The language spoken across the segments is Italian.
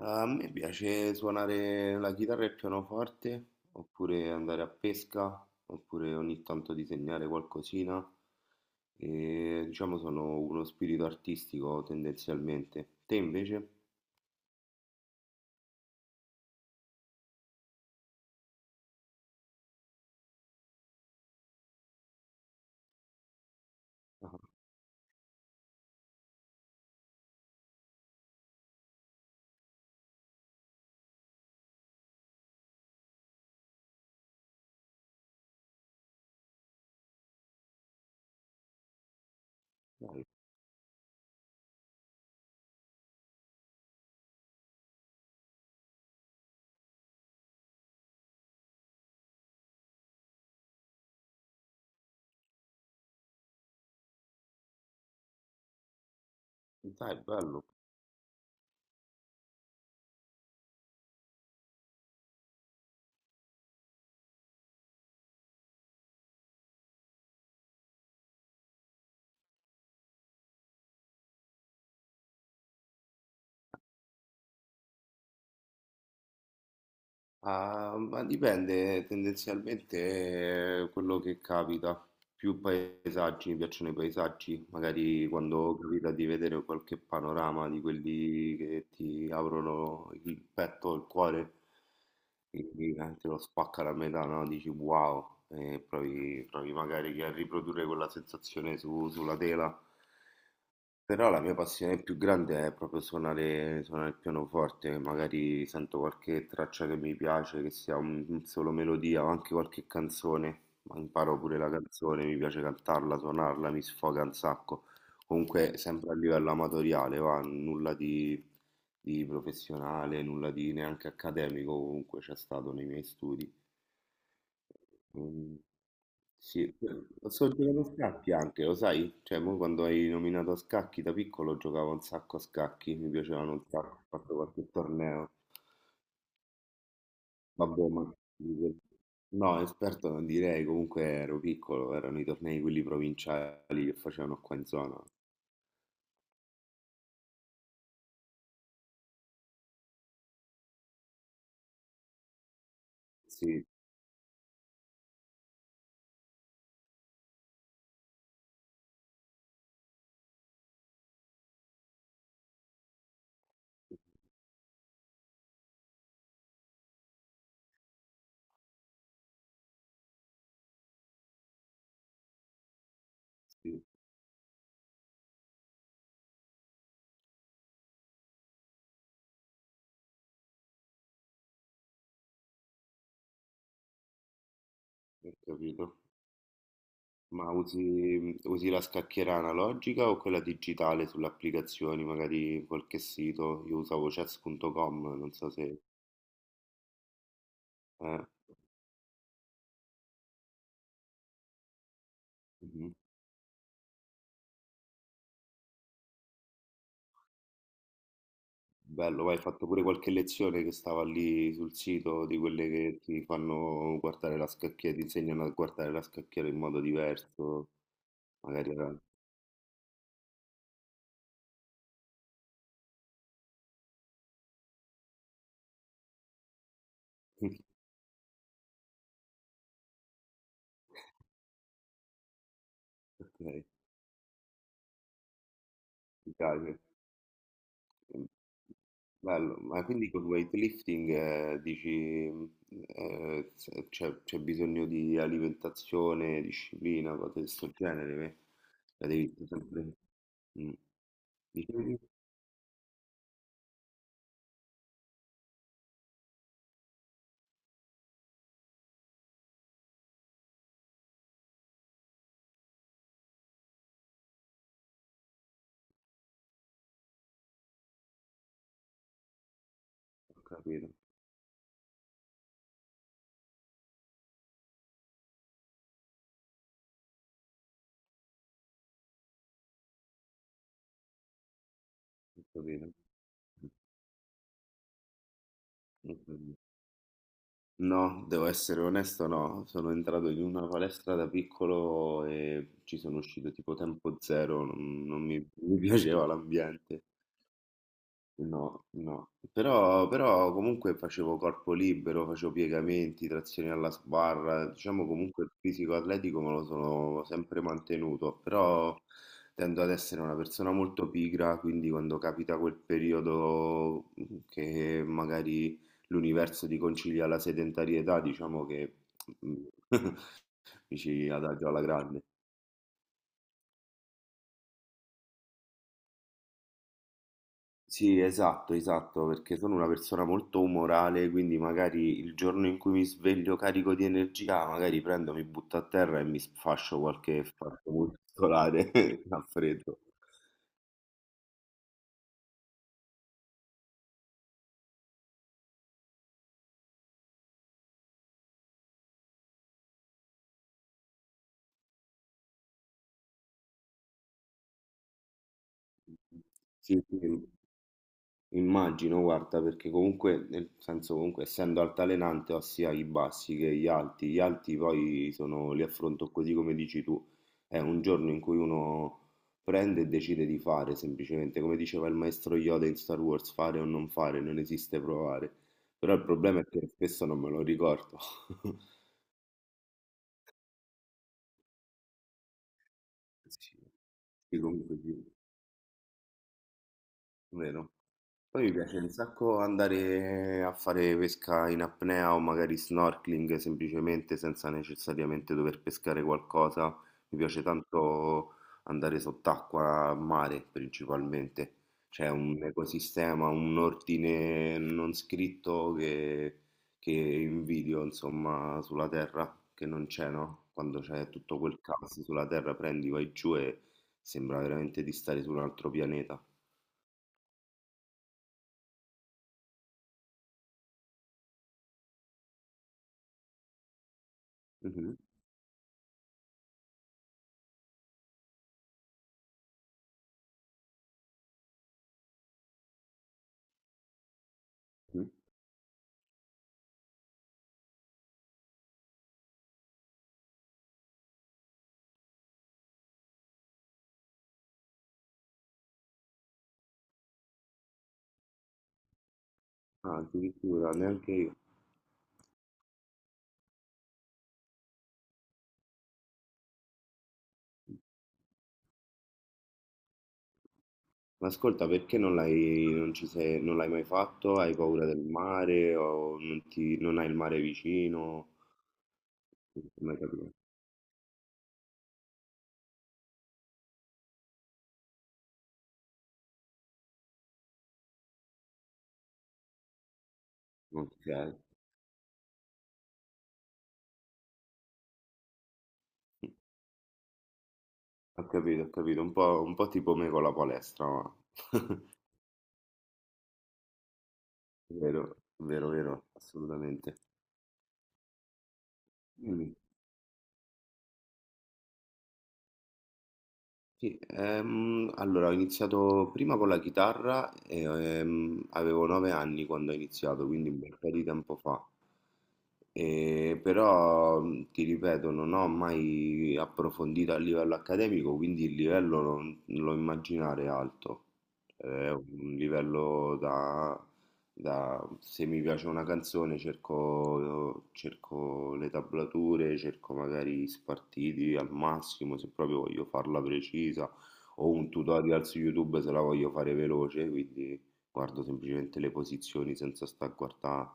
A me piace suonare la chitarra e il pianoforte, oppure andare a pesca, oppure ogni tanto disegnare qualcosina. E diciamo sono uno spirito artistico tendenzialmente. Te invece? Ah, dai, dai, bello. Ah, ma dipende tendenzialmente, quello che capita. Più paesaggi, mi piacciono i paesaggi, magari quando capita di vedere qualche panorama di quelli che ti aprono il petto, il cuore, quindi, te lo spacca la metà, no? Dici wow, e provi magari che a riprodurre quella sensazione sulla tela. Però la mia passione più grande è proprio suonare, suonare il pianoforte, magari sento qualche traccia che mi piace, che sia un solo melodia o anche qualche canzone, ma imparo pure la canzone, mi piace cantarla, suonarla, mi sfoga un sacco. Comunque sempre a livello amatoriale, va, nulla di professionale, nulla di neanche accademico comunque c'è stato nei miei studi. Mm, sì, ho solo giocato a scacchi anche, lo sai? Cioè, mo quando hai nominato a scacchi da piccolo giocavo un sacco a scacchi, mi piacevano un sacco, ho fatto qualche torneo. Vabbè, ma. No, esperto non direi, comunque ero piccolo, erano i tornei quelli provinciali che facevano qua in zona. Sì, sì. Ho capito. Ma usi, usi la scacchiera analogica o quella digitale sulle applicazioni, magari qualche sito? Io usavo chess.com, non so se. Eh, mhm. Bello, vai, hai fatto pure qualche lezione che stava lì sul sito di quelle che ti fanno guardare la scacchiera, ti insegnano a guardare la scacchiera in modo diverso, magari era. Ok, mi piace. Mh. Bello, ma quindi col weightlifting, dici, mhmm, s c'è bisogno di alimentazione, disciplina, cose di 'sto genere pe la devi sempre mh. Dicevi? Ho capito, ho capito, ho capito. No, devo essere onesto, no. Sono entrato in una palestra da piccolo e ci sono uscito tipo tempo zero, non mi mi piaceva l'ambiente. No, no, però, però comunque facevo corpo libero, facevo piegamenti, trazioni alla sbarra, diciamo comunque il fisico atletico me lo sono sempre mantenuto, però tendo ad essere una persona molto pigra, quindi quando capita quel periodo che magari l'universo ti concilia la sedentarietà, diciamo che mm, mi ci adagio alla grande. Sì, esatto, esatto, perché sono una persona molto umorale, quindi magari il giorno in cui mi sveglio carico di energia, magari prendo, mi butto a terra e mi sfascio qualche fatto muscolare a freddo. Sì, sì, immagino, guarda, perché comunque, nel senso, comunque, essendo altalenante, ho sia i bassi che gli alti. Gli alti poi sono, li affronto così come dici tu. È un giorno in cui uno prende e decide di fare, semplicemente, come diceva il maestro Yoda in Star Wars, fare o non fare, non esiste provare. Però il problema è che spesso non me lo ricordo. Sì. Sì, comunque sì, vero? Poi mi piace un sacco andare a fare pesca in apnea o magari snorkeling semplicemente senza necessariamente dover pescare qualcosa. Mi piace tanto andare sott'acqua a mare principalmente. C'è un ecosistema, un ordine non scritto che invidio insomma sulla terra, che non c'è, no? Quando c'è tutto quel caos sulla terra prendi, vai giù e sembra veramente di stare su un altro pianeta. Mhm, mhm. Ah, addirittura, neanche io. Ma ascolta, perché non l'hai non ci sei, non l'hai mai fatto? Hai paura del mare o non ti, non hai il mare vicino? Non ti ho mai capito. Non ti sei. Ho capito, ho capito. Un po' tipo me con la palestra, ma. Vero, vero, vero, assolutamente. Mm. Sì, allora ho iniziato prima con la chitarra e avevo 9 anni quando ho iniziato, quindi un bel po' di tempo fa. E però ti ripeto, non ho mai approfondito a livello accademico, quindi il livello non lo immaginare alto. È un livello da se mi piace una canzone cerco, cerco le tablature, cerco magari spartiti al massimo se proprio voglio farla precisa o un tutorial su YouTube se la voglio fare veloce, quindi guardo semplicemente le posizioni senza stare a guardare,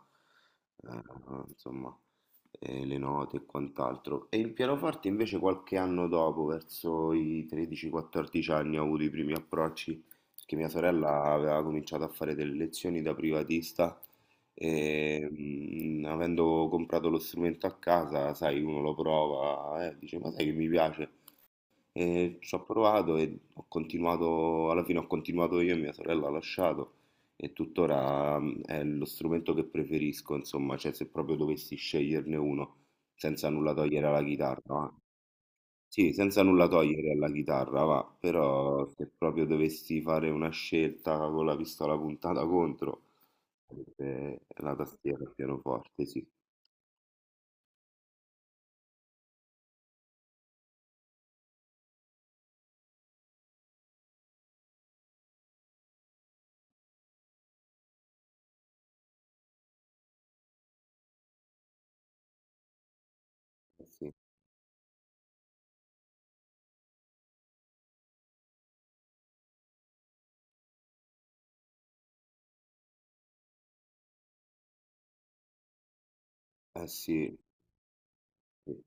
eh, insomma, le note e quant'altro. E il pianoforte invece qualche anno dopo, verso i 13-14 anni, ho avuto i primi approcci che mia sorella aveva cominciato a fare delle lezioni da privatista e avendo comprato lo strumento a casa, sai, uno lo prova e dice, ma sai che mi piace? E ci ho provato e ho continuato, alla fine ho continuato io e mia sorella ha lasciato e tuttora è lo strumento che preferisco, insomma, cioè se proprio dovessi sceglierne uno, senza nulla togliere alla chitarra, eh. Sì, senza nulla togliere alla chitarra, va, però se proprio dovessi fare una scelta con la pistola puntata contro, sarebbe la tastiera al pianoforte, sì. Eh sì, eh sì, sì.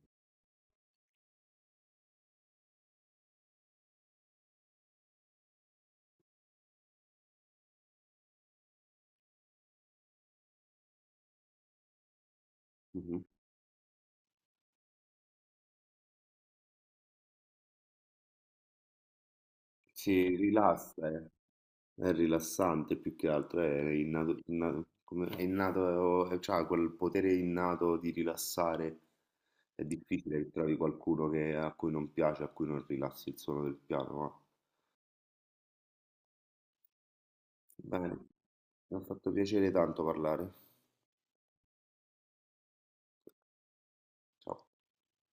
Mhm. Sì, rilassa, eh. È rilassante più che altro, è innato, è innato, c'ha quel potere innato di rilassare. È difficile che trovi qualcuno che- a cui non piace, a cui non rilassi il suono del piano, ma. Bene, mi ha fatto piacere tanto parlare. Ciao.